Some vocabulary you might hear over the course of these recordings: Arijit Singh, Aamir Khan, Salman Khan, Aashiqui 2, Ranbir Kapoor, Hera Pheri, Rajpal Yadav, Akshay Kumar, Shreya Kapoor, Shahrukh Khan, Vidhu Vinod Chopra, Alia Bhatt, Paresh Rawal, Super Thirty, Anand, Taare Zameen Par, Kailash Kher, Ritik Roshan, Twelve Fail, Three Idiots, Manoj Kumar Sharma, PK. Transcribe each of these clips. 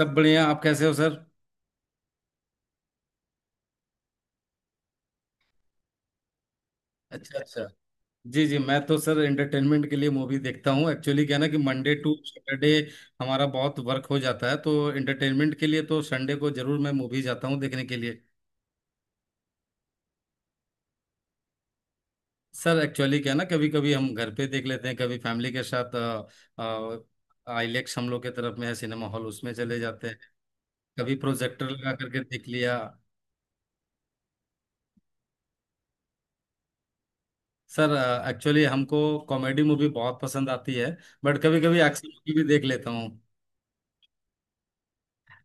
सब बढ़िया। आप कैसे हो सर? अच्छा, अच्छा। जी, जी, मैं तो सर एंटरटेनमेंट के लिए मूवी देखता हूँ। एक्चुअली क्या है ना कि मंडे टू सैटरडे हमारा बहुत वर्क हो जाता है, तो एंटरटेनमेंट के लिए तो संडे को जरूर मैं मूवी जाता हूँ देखने के लिए। सर एक्चुअली क्या है ना, कभी कभी हम घर पे देख लेते हैं, कभी फैमिली के साथ। आईलेक्स हम लोग के तरफ में है सिनेमा हॉल, उसमें चले जाते हैं। कभी प्रोजेक्टर लगा करके देख लिया। सर एक्चुअली हमको कॉमेडी मूवी बहुत पसंद आती है। बट कभी कभी एक्शन मूवी भी देख लेता हूँ।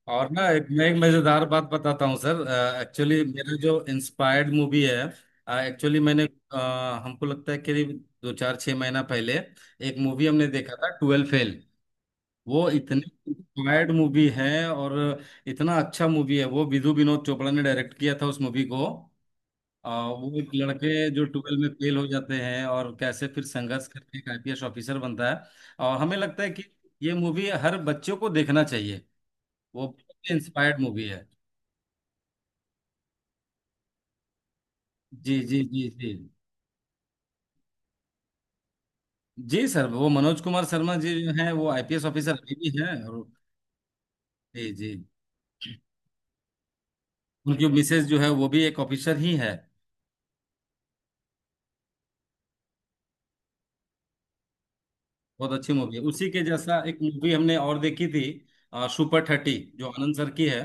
और ना एक मैं एक मजेदार बात बताता हूँ सर। एक्चुअली मेरा जो इंस्पायर्ड मूवी है, एक्चुअली मैंने अ, हमको लगता है करीब दो चार छह महीना पहले एक मूवी हमने देखा था, 12 फेल। वो इतनी इंस्पायर्ड मूवी है और इतना अच्छा मूवी है। वो विधु विनोद चोपड़ा ने डायरेक्ट किया था उस मूवी को। वो एक लड़के जो 12 में फेल हो जाते हैं और कैसे फिर संघर्ष करके एक आईपीएस ऑफिसर बनता है। और हमें लगता है कि ये मूवी हर बच्चों को देखना चाहिए। वो इंस्पायर्ड मूवी है। जी, जी, जी, जी। जी सर, वो मनोज कुमार शर्मा जी जो हैं, वो आईपीएस ऑफिसर अभी भी हैं। और जी, जी। उनकी मिसेज जो है, वो भी एक ऑफिसर ही है। बहुत अच्छी मूवी है। उसी के जैसा एक मूवी हमने और देखी थी, सुपर 30, जो आनंद सर की है।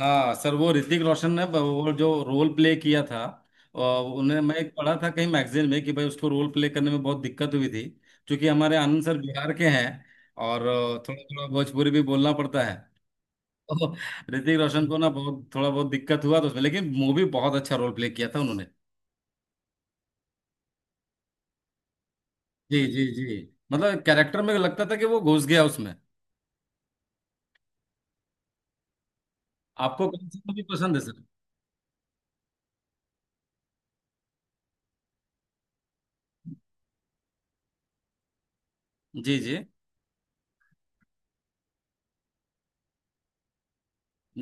हाँ सर, वो ऋतिक रोशन ने वो जो रोल प्ले किया था। और उन्हें मैं एक पढ़ा था कहीं मैगजीन में कि भाई उसको रोल प्ले करने में बहुत दिक्कत हुई थी। क्योंकि हमारे आनंद सर बिहार के हैं और थोड़ा थोड़ा भोजपुरी भी बोलना पड़ता है। तो ऋतिक रोशन को ना बहुत थोड़ा बहुत दिक्कत हुआ तो उसमें, लेकिन मूवी बहुत अच्छा रोल प्ले किया था उन्होंने। जी, जी, जी। मतलब कैरेक्टर में लगता था कि वो घुस गया उसमें। आपको कौन सी मूवी पसंद है सर? जी, जी,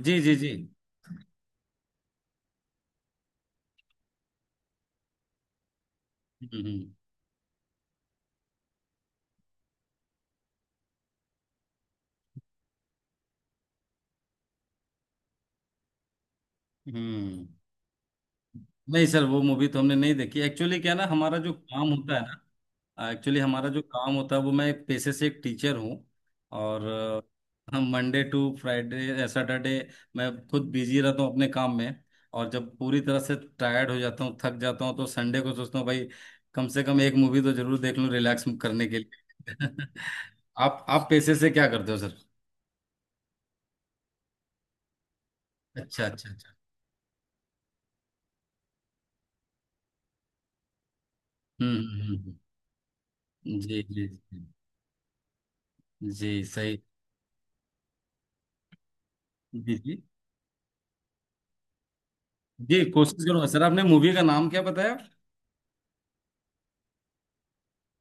जी, जी, जी। हम्म, हम्म, हम्म। नहीं सर, वो मूवी तो हमने नहीं देखी। एक्चुअली क्या है ना, हमारा जो काम होता है ना। एक्चुअली हमारा जो काम होता है वो, मैं एक पेशे से एक टीचर हूँ। और हम मंडे टू फ्राइडे सैटरडे मैं खुद बिजी रहता हूँ अपने काम में। और जब पूरी तरह से टायर्ड हो जाता हूँ, थक जाता हूँ, तो संडे को सोचता हूँ भाई कम से कम एक मूवी तो जरूर देख लूँ रिलैक्स करने के लिए। आप पेशे से क्या करते हो सर? अच्छा, अच्छा, अच्छा। हम्म, हम्म, जी, जी, जी, जी सही। जी, जी, जी, कोशिश करूंगा सर। आपने मूवी का नाम क्या बताया?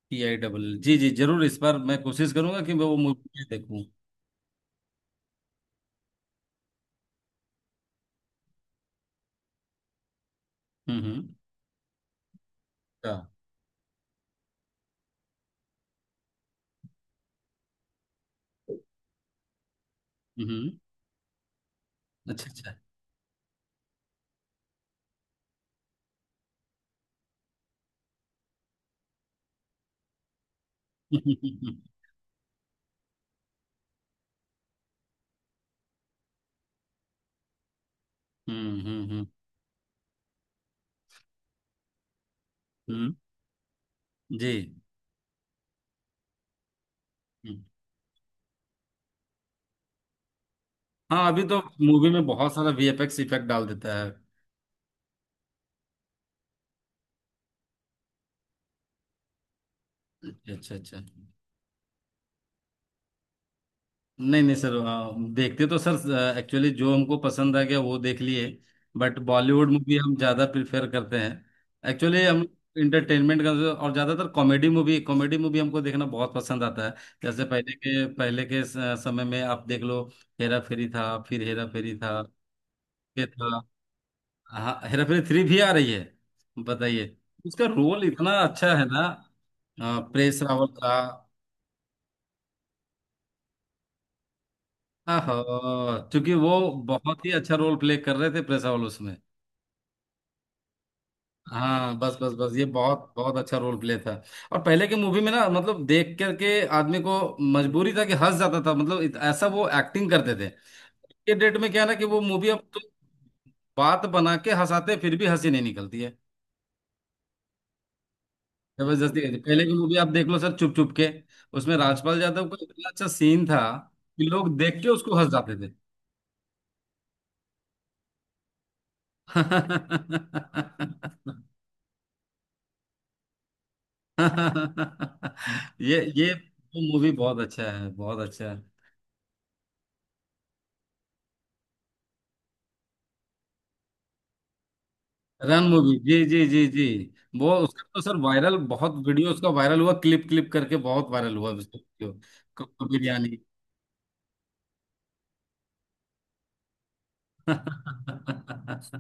PIGG। जी, जरूर इस बार मैं कोशिश करूंगा कि मैं वो मूवी देखूं। हम्म, हम्म। अच्छा। हम्म। अच्छा, अच्छा। हम्म, हम्म, हम्म, हम्म, जी। हम्म। हाँ अभी तो मूवी में बहुत सारा वीएफएक्स इफेक्ट डाल देता है। अच्छा, अच्छा, अच्छा। नहीं नहीं सर, देखते तो सर एक्चुअली जो हमको पसंद आ गया वो देख लिए। बट बॉलीवुड मूवी हम ज़्यादा प्रिफेर करते हैं एक्चुअली हम। इंटरटेनमेंट का और ज़्यादातर कॉमेडी मूवी, कॉमेडी मूवी हमको देखना बहुत पसंद आता है। जैसे पहले के समय में आप देख लो। हेरा फेरी था, फिर हेरा फेरी था। ये था। हाँ, हेरा फेरी 3 भी आ रही है। बताइए, उसका रोल इतना अच्छा है ना, परेश रावल का। हाँ, क्योंकि वो बहुत ही अच्छा रोल प्ले कर रहे थे प्रेस हाउस में। हाँ बस, बस, बस, ये बहुत बहुत अच्छा रोल प्ले था। और पहले के मूवी में ना, मतलब, देख करके आदमी को मजबूरी था कि हंस जाता था, मतलब ऐसा वो एक्टिंग करते थे। के डेट में क्या है ना कि वो मूवी अब तो बात बना के हंसाते हैं, फिर भी हंसी नहीं निकलती है। जबरदस्ती करती है। पहले की मूवी आप देख लो सर, चुप चुप के, उसमें राजपाल यादव का इतना अच्छा सीन था कि लोग देख के उसको हंस जाते थे। ये मूवी बहुत अच्छा है, बहुत अच्छा है। Run movie. जी, जी, जी, जी। वो उसका तो सर वायरल बहुत वीडियो, उसका वायरल हुआ, क्लिप क्लिप करके बहुत वायरल हुआ उसका वीडियो। कब? बिरयानी।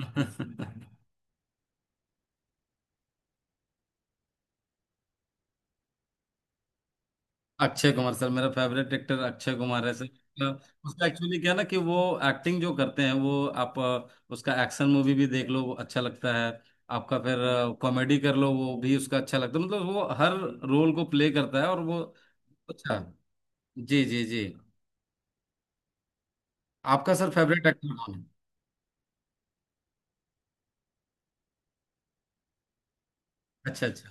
अक्षय कुमार सर, मेरा फेवरेट एक्टर अक्षय कुमार है सर। उसका एक्चुअली क्या है ना कि वो एक्टिंग जो करते हैं, वो आप उसका एक्शन मूवी भी देख लो, वो अच्छा लगता है। आपका फिर कॉमेडी कर लो, वो भी उसका अच्छा लगता है, मतलब वो हर रोल को प्ले करता है और वो अच्छा। जी, जी, जी। आपका सर फेवरेट एक्टर कौन है? अच्छा, अच्छा।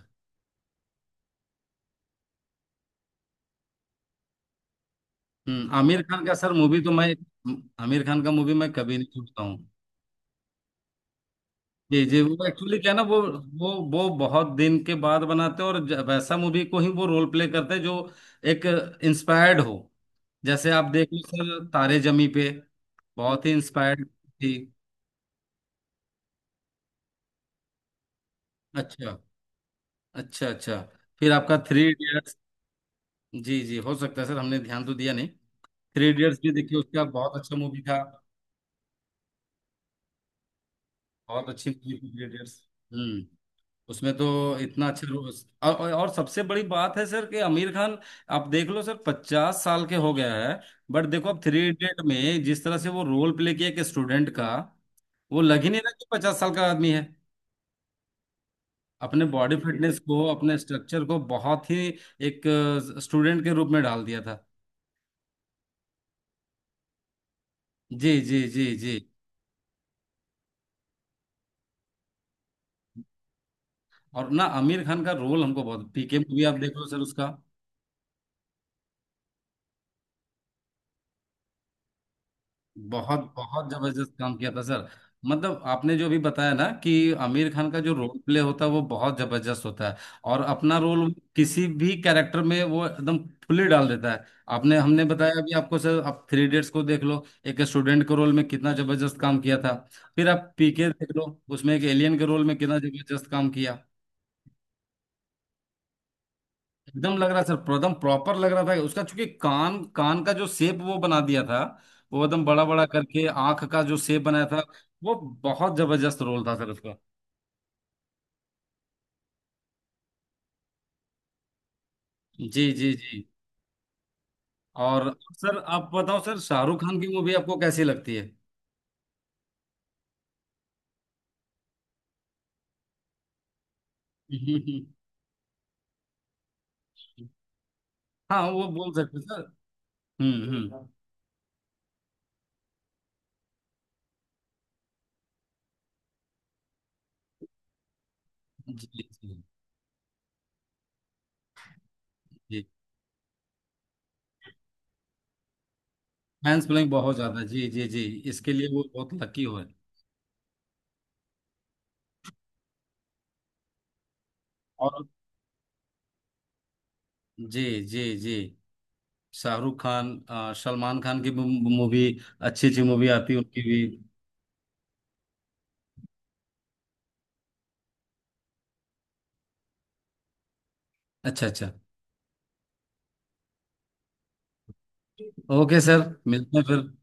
हम्म। आमिर खान का सर मूवी तो मैं, आमिर खान का मूवी मैं कभी नहीं छूटता हूँ। जी, जी, वो एक्चुअली क्या है ना, वो बहुत दिन के बाद बनाते हैं और वैसा मूवी को ही वो रोल प्ले करते हैं जो एक इंस्पायर्ड हो। जैसे आप देख लो सर, तारे जमी पे, बहुत ही इंस्पायर्ड थी। अच्छा, अच्छा, अच्छा। फिर आपका 3 इडियट्स। जी, जी, हो सकता है सर, हमने ध्यान तो दिया नहीं। थ्री इडियट्स भी देखिए, उसका बहुत अच्छा मूवी था। बहुत अच्छी मूवी थी 3 इडियट्स। हम्म। उसमें तो इतना अच्छा और सबसे बड़ी बात है सर कि आमिर खान, आप देख लो सर, 50 साल के हो गया है। बट देखो अब 3 इडियट में जिस तरह से वो रोल प्ले किया एक स्टूडेंट का, वो लग ही नहीं रहा कि 50 साल का आदमी है। अपने बॉडी फिटनेस को, अपने स्ट्रक्चर को, बहुत ही एक स्टूडेंट के रूप में डाल दिया था। जी, जी, जी, जी। और ना आमिर खान का रोल हमको बहुत, पीके मूवी आप देख लो सर उसका, बहुत बहुत जबरदस्त काम किया था सर। मतलब आपने जो भी बताया ना कि आमिर खान का जो रोल प्ले होता है वो बहुत जबरदस्त होता है। और अपना रोल किसी भी कैरेक्टर में वो एकदम फुली डाल देता है। आपने हमने बताया अभी आपको सर, आप 3 इडियट्स को देख लो, एक स्टूडेंट के रोल में कितना जबरदस्त काम किया था। फिर आप पीके देख लो, उसमें एक एलियन के रोल में कितना जबरदस्त काम किया। एकदम लग रहा सर, एकदम प्रॉपर लग रहा था उसका। चूंकि कान कान का जो शेप वो बना दिया था, वो एकदम बड़ा बड़ा करके आंख का जो शेप बनाया था। वो बहुत जबरदस्त रोल था सर उसका। जी, जी, जी। और सर आप बताओ सर, शाहरुख खान की मूवी आपको कैसी लगती है? हाँ वो बोल सकते हैं सर। हम्म, हम्म। जी, जी, जी। फैंस फॉलोइंग बहुत ज्यादा। जी, जी, जी, इसके लिए वो बहुत लकी हुए। और जी, जी, जी। शाहरुख खान, सलमान खान की मूवी, अच्छी अच्छी मूवी आती है उनकी भी। अच्छा, अच्छा। ओके सर, मिलते हैं फिर।